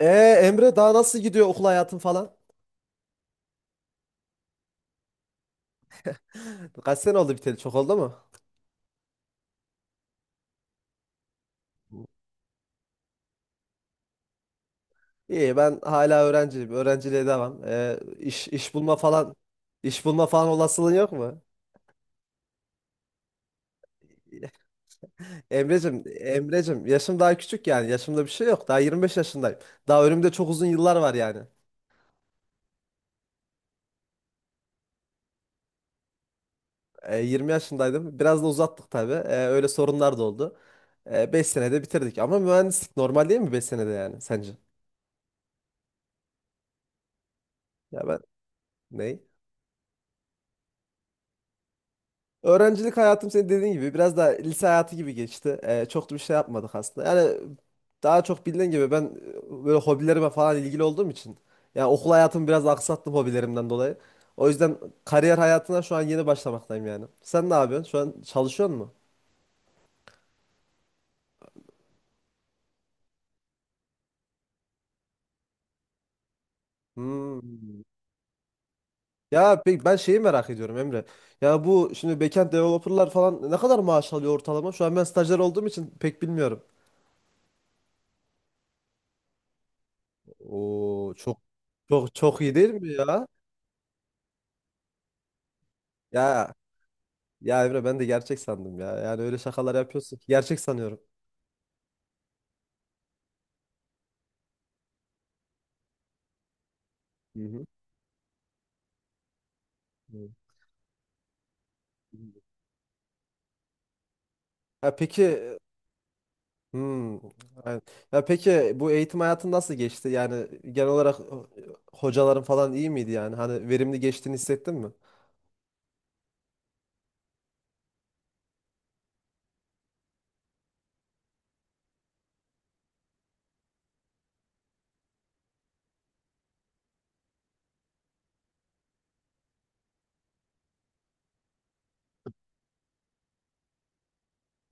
Ee, Emre, daha nasıl gidiyor okul hayatın falan? Kaç sene oldu, biteli çok oldu mu? İyi, ben hala öğrenciyim. Öğrenciliğe devam. İş, iş bulma falan, iş bulma falan olasılığın yok mu? Emrecim, Emrecim, yaşım daha küçük yani. Yaşımda bir şey yok. Daha 25 yaşındayım. Daha önümde çok uzun yıllar var yani. 20 yaşındaydım. Biraz da uzattık tabii. Öyle sorunlar da oldu. 5 senede bitirdik. Ama mühendislik normal değil mi 5 senede yani sence? Ya ben ne? Öğrencilik hayatım senin dediğin gibi biraz daha lise hayatı gibi geçti. Çok da bir şey yapmadık aslında. Yani daha çok, bildiğin gibi, ben böyle hobilerime falan ilgili olduğum için yani okul hayatımı biraz aksattım hobilerimden dolayı. O yüzden kariyer hayatına şu an yeni başlamaktayım yani. Sen ne yapıyorsun? Şu an çalışıyor musun? Hmm. Ya pek ben şeyi merak ediyorum Emre. Ya bu şimdi backend developerlar falan ne kadar maaş alıyor ortalama? Şu an ben stajyer olduğum için pek bilmiyorum. Oo, çok, çok iyi değil mi ya? Ya Ya Emre, ben de gerçek sandım ya. Yani öyle şakalar yapıyorsun ki gerçek sanıyorum. Hı hı. Hı. Ya peki, hmm, aynen. Ya peki bu eğitim hayatın nasıl geçti? Yani genel olarak hocaların falan iyi miydi yani? Hani verimli geçtiğini hissettin mi?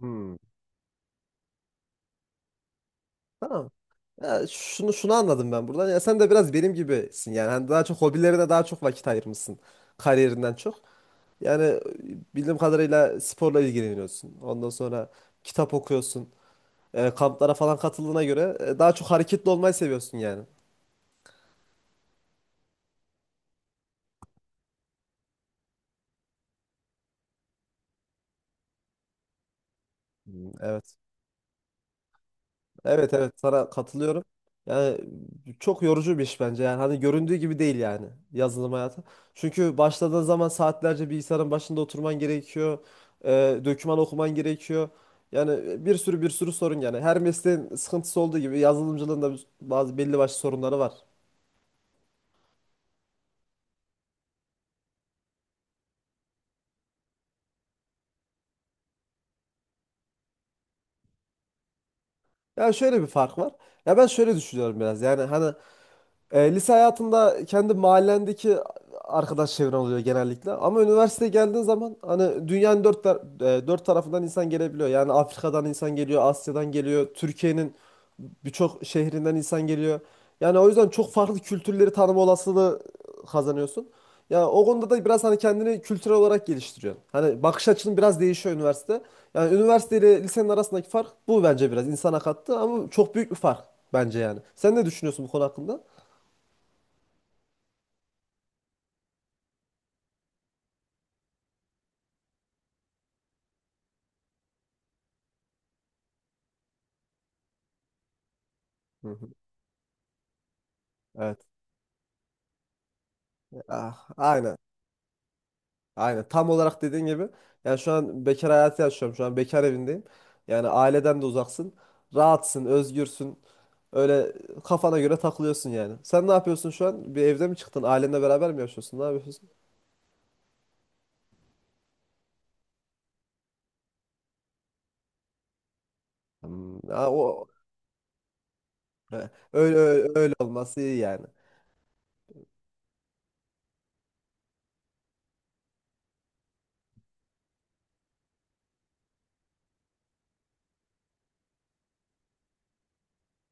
Hmm. Tamam. Ya, şunu anladım ben buradan. Ya sen de biraz benim gibisin yani. Hani daha çok hobilerine daha çok vakit ayırmışsın kariyerinden çok. Yani bildiğim kadarıyla sporla ilgileniyorsun. Ondan sonra kitap okuyorsun. Kamplara falan katıldığına göre daha çok hareketli olmayı seviyorsun yani. Hmm, evet. Evet, evet, sana katılıyorum. Yani çok yorucu bir iş bence. Yani hani göründüğü gibi değil yani yazılım hayatı. Çünkü başladığın zaman saatlerce bilgisayarın başında oturman gerekiyor. E, Döküman okuman gerekiyor. Yani bir sürü sorun yani. Her mesleğin sıkıntısı olduğu gibi yazılımcılığın da bazı belli başlı sorunları var. Ya şöyle bir fark var. Ya ben şöyle düşünüyorum biraz. Yani hani lise hayatında kendi mahallendeki arkadaş çevren oluyor genellikle. Ama üniversiteye geldiğin zaman hani dünyanın dört tarafından insan gelebiliyor. Yani Afrika'dan insan geliyor, Asya'dan geliyor, Türkiye'nin birçok şehrinden insan geliyor. Yani o yüzden çok farklı kültürleri tanıma olasılığı kazanıyorsun. Ya o konuda da biraz hani kendini kültürel olarak geliştiriyorsun. Hani bakış açın biraz değişiyor üniversite. Yani üniversite ile lisenin arasındaki fark bu, bence biraz insana kattı ama çok büyük bir fark bence yani. Sen ne düşünüyorsun bu konu hakkında? Hı hı. Evet. Ah, aynen. Aynen. Tam olarak dediğin gibi. Yani şu an bekar hayatı yaşıyorum. Şu an bekar evindeyim. Yani aileden de uzaksın. Rahatsın, özgürsün. Öyle kafana göre takılıyorsun yani. Sen ne yapıyorsun şu an? Bir evde mi çıktın? Ailenle beraber mi yaşıyorsun? Ne yapıyorsun? Hmm, ha, o he, öyle, öyle olması iyi yani.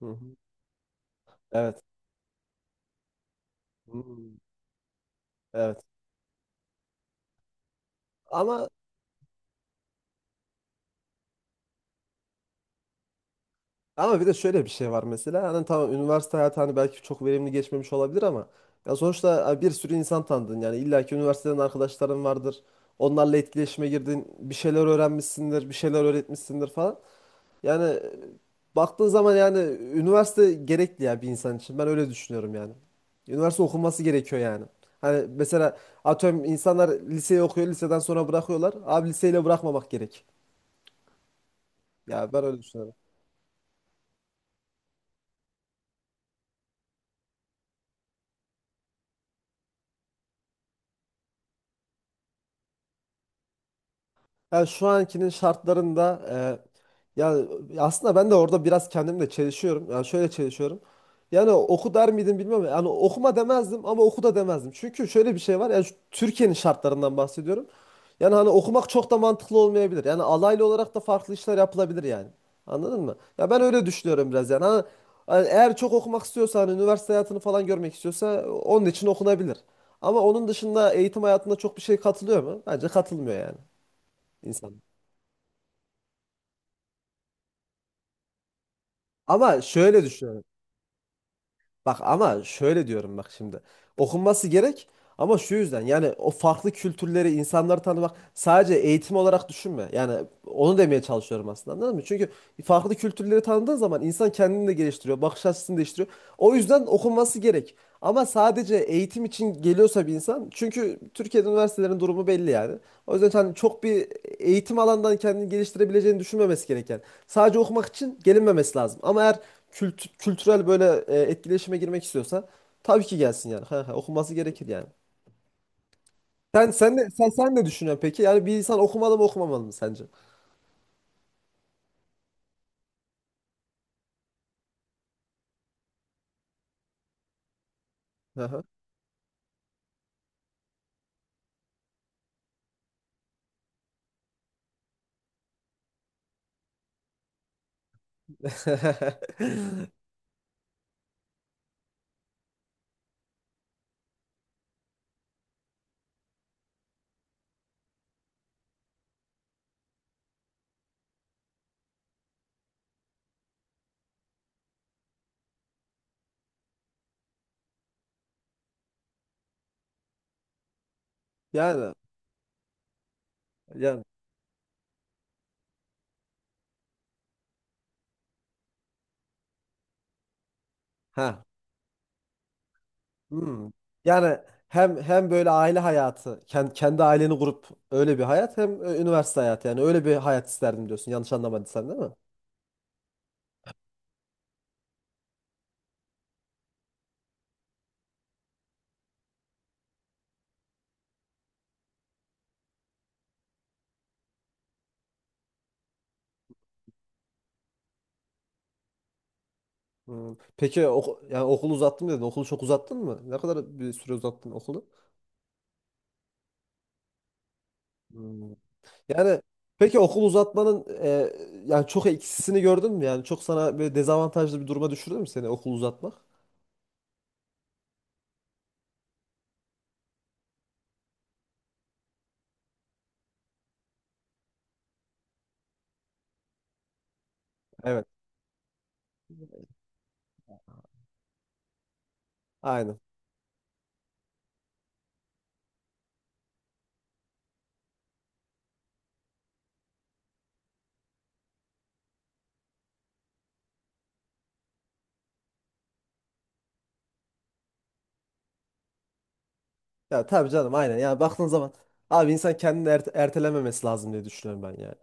Hı hı. Evet. Hmm, evet. Ama ama bir de şöyle bir şey var mesela. Hani tamam, üniversite hayatı hani belki çok verimli geçmemiş olabilir ama ya sonuçta, ha, bir sürü insan tanıdın yani. İlla ki üniversiteden arkadaşların vardır. Onlarla etkileşime girdin. Bir şeyler öğrenmişsindir, bir şeyler öğretmişsindir falan. Yani baktığın zaman yani üniversite gerekli ya bir insan için. Ben öyle düşünüyorum yani. Üniversite okunması gerekiyor yani. Hani mesela atıyorum insanlar liseyi okuyor, liseden sonra bırakıyorlar. Abi liseyle bırakmamak gerek. Ya ben öyle düşünüyorum. Yani şu ankinin şartlarında yani aslında ben de orada biraz kendimle çelişiyorum. Yani şöyle çelişiyorum. Yani oku der miydim bilmiyorum. Yani okuma demezdim ama oku da demezdim. Çünkü şöyle bir şey var. Yani şu Türkiye'nin şartlarından bahsediyorum. Yani hani okumak çok da mantıklı olmayabilir. Yani alaylı olarak da farklı işler yapılabilir yani. Anladın mı? Ya ben öyle düşünüyorum biraz yani. Hani eğer çok okumak istiyorsa, hani üniversite hayatını falan görmek istiyorsa onun için okunabilir. Ama onun dışında eğitim hayatında çok bir şey katılıyor mu? Bence katılmıyor yani insan. Ama şöyle düşünüyorum. Bak, ama şöyle diyorum bak şimdi. Okunması gerek ama şu yüzden, yani o farklı kültürleri, insanları tanımak sadece eğitim olarak düşünme. Yani onu demeye çalışıyorum aslında, anladın mı? Çünkü farklı kültürleri tanıdığın zaman insan kendini de geliştiriyor, bakış açısını değiştiriyor. O yüzden okunması gerek. Ama sadece eğitim için geliyorsa bir insan, çünkü Türkiye'de üniversitelerin durumu belli yani. O yüzden hani çok bir eğitim alandan kendini geliştirebileceğini düşünmemesi gereken. Sadece okumak için gelinmemesi lazım. Ama eğer kültürel böyle etkileşime girmek istiyorsa tabii ki gelsin yani. Ha, ha, okunması gerekir yani. Sen ne düşünüyorsun peki? Yani bir insan okumalı mı okumamalı mı sence? Hı hı. Yani yani ha, hmm. Yani hem böyle aile hayatı, kendi aileni kurup öyle bir hayat, hem üniversite hayatı, yani öyle bir hayat isterdim diyorsun. Yanlış anlamadıysam değil mi? Hmm. Peki oku, yani okulu uzattım dedin. Okulu çok uzattın mı? Ne kadar bir süre uzattın okulu? Hmm. Yani peki okul uzatmanın yani çok eksisini gördün mü? Yani çok sana böyle dezavantajlı bir duruma düşürdü mü seni okul uzatmak? Evet. Aynen. Ya tabii canım aynen. Yani baktığın zaman abi insan kendini ertelememesi lazım diye düşünüyorum ben yani.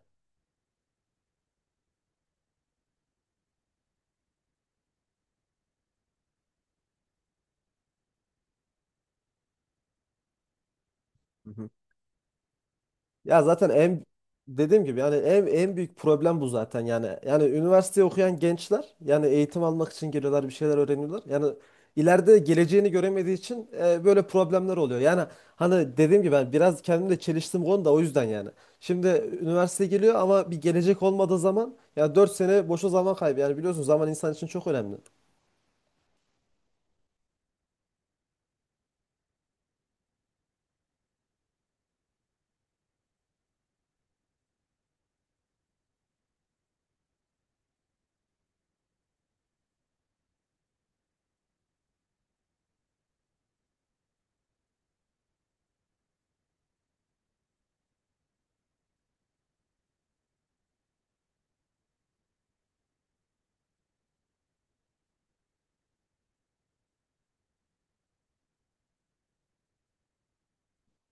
Hı hı. Ya zaten en dediğim gibi yani en büyük problem bu zaten yani. Yani üniversite okuyan gençler yani eğitim almak için geliyorlar, bir şeyler öğreniyorlar. Yani ileride geleceğini göremediği için böyle problemler oluyor. Yani hani dediğim gibi ben biraz kendimle çeliştim konuda o yüzden yani. Şimdi üniversite geliyor ama bir gelecek olmadığı zaman ya 4 sene boşa zaman kaybı. Yani biliyorsun zaman insan için çok önemli.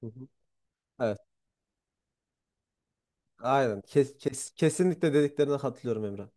Hı hı. Evet. Aynen. Kesinlikle dediklerine katılıyorum Emre.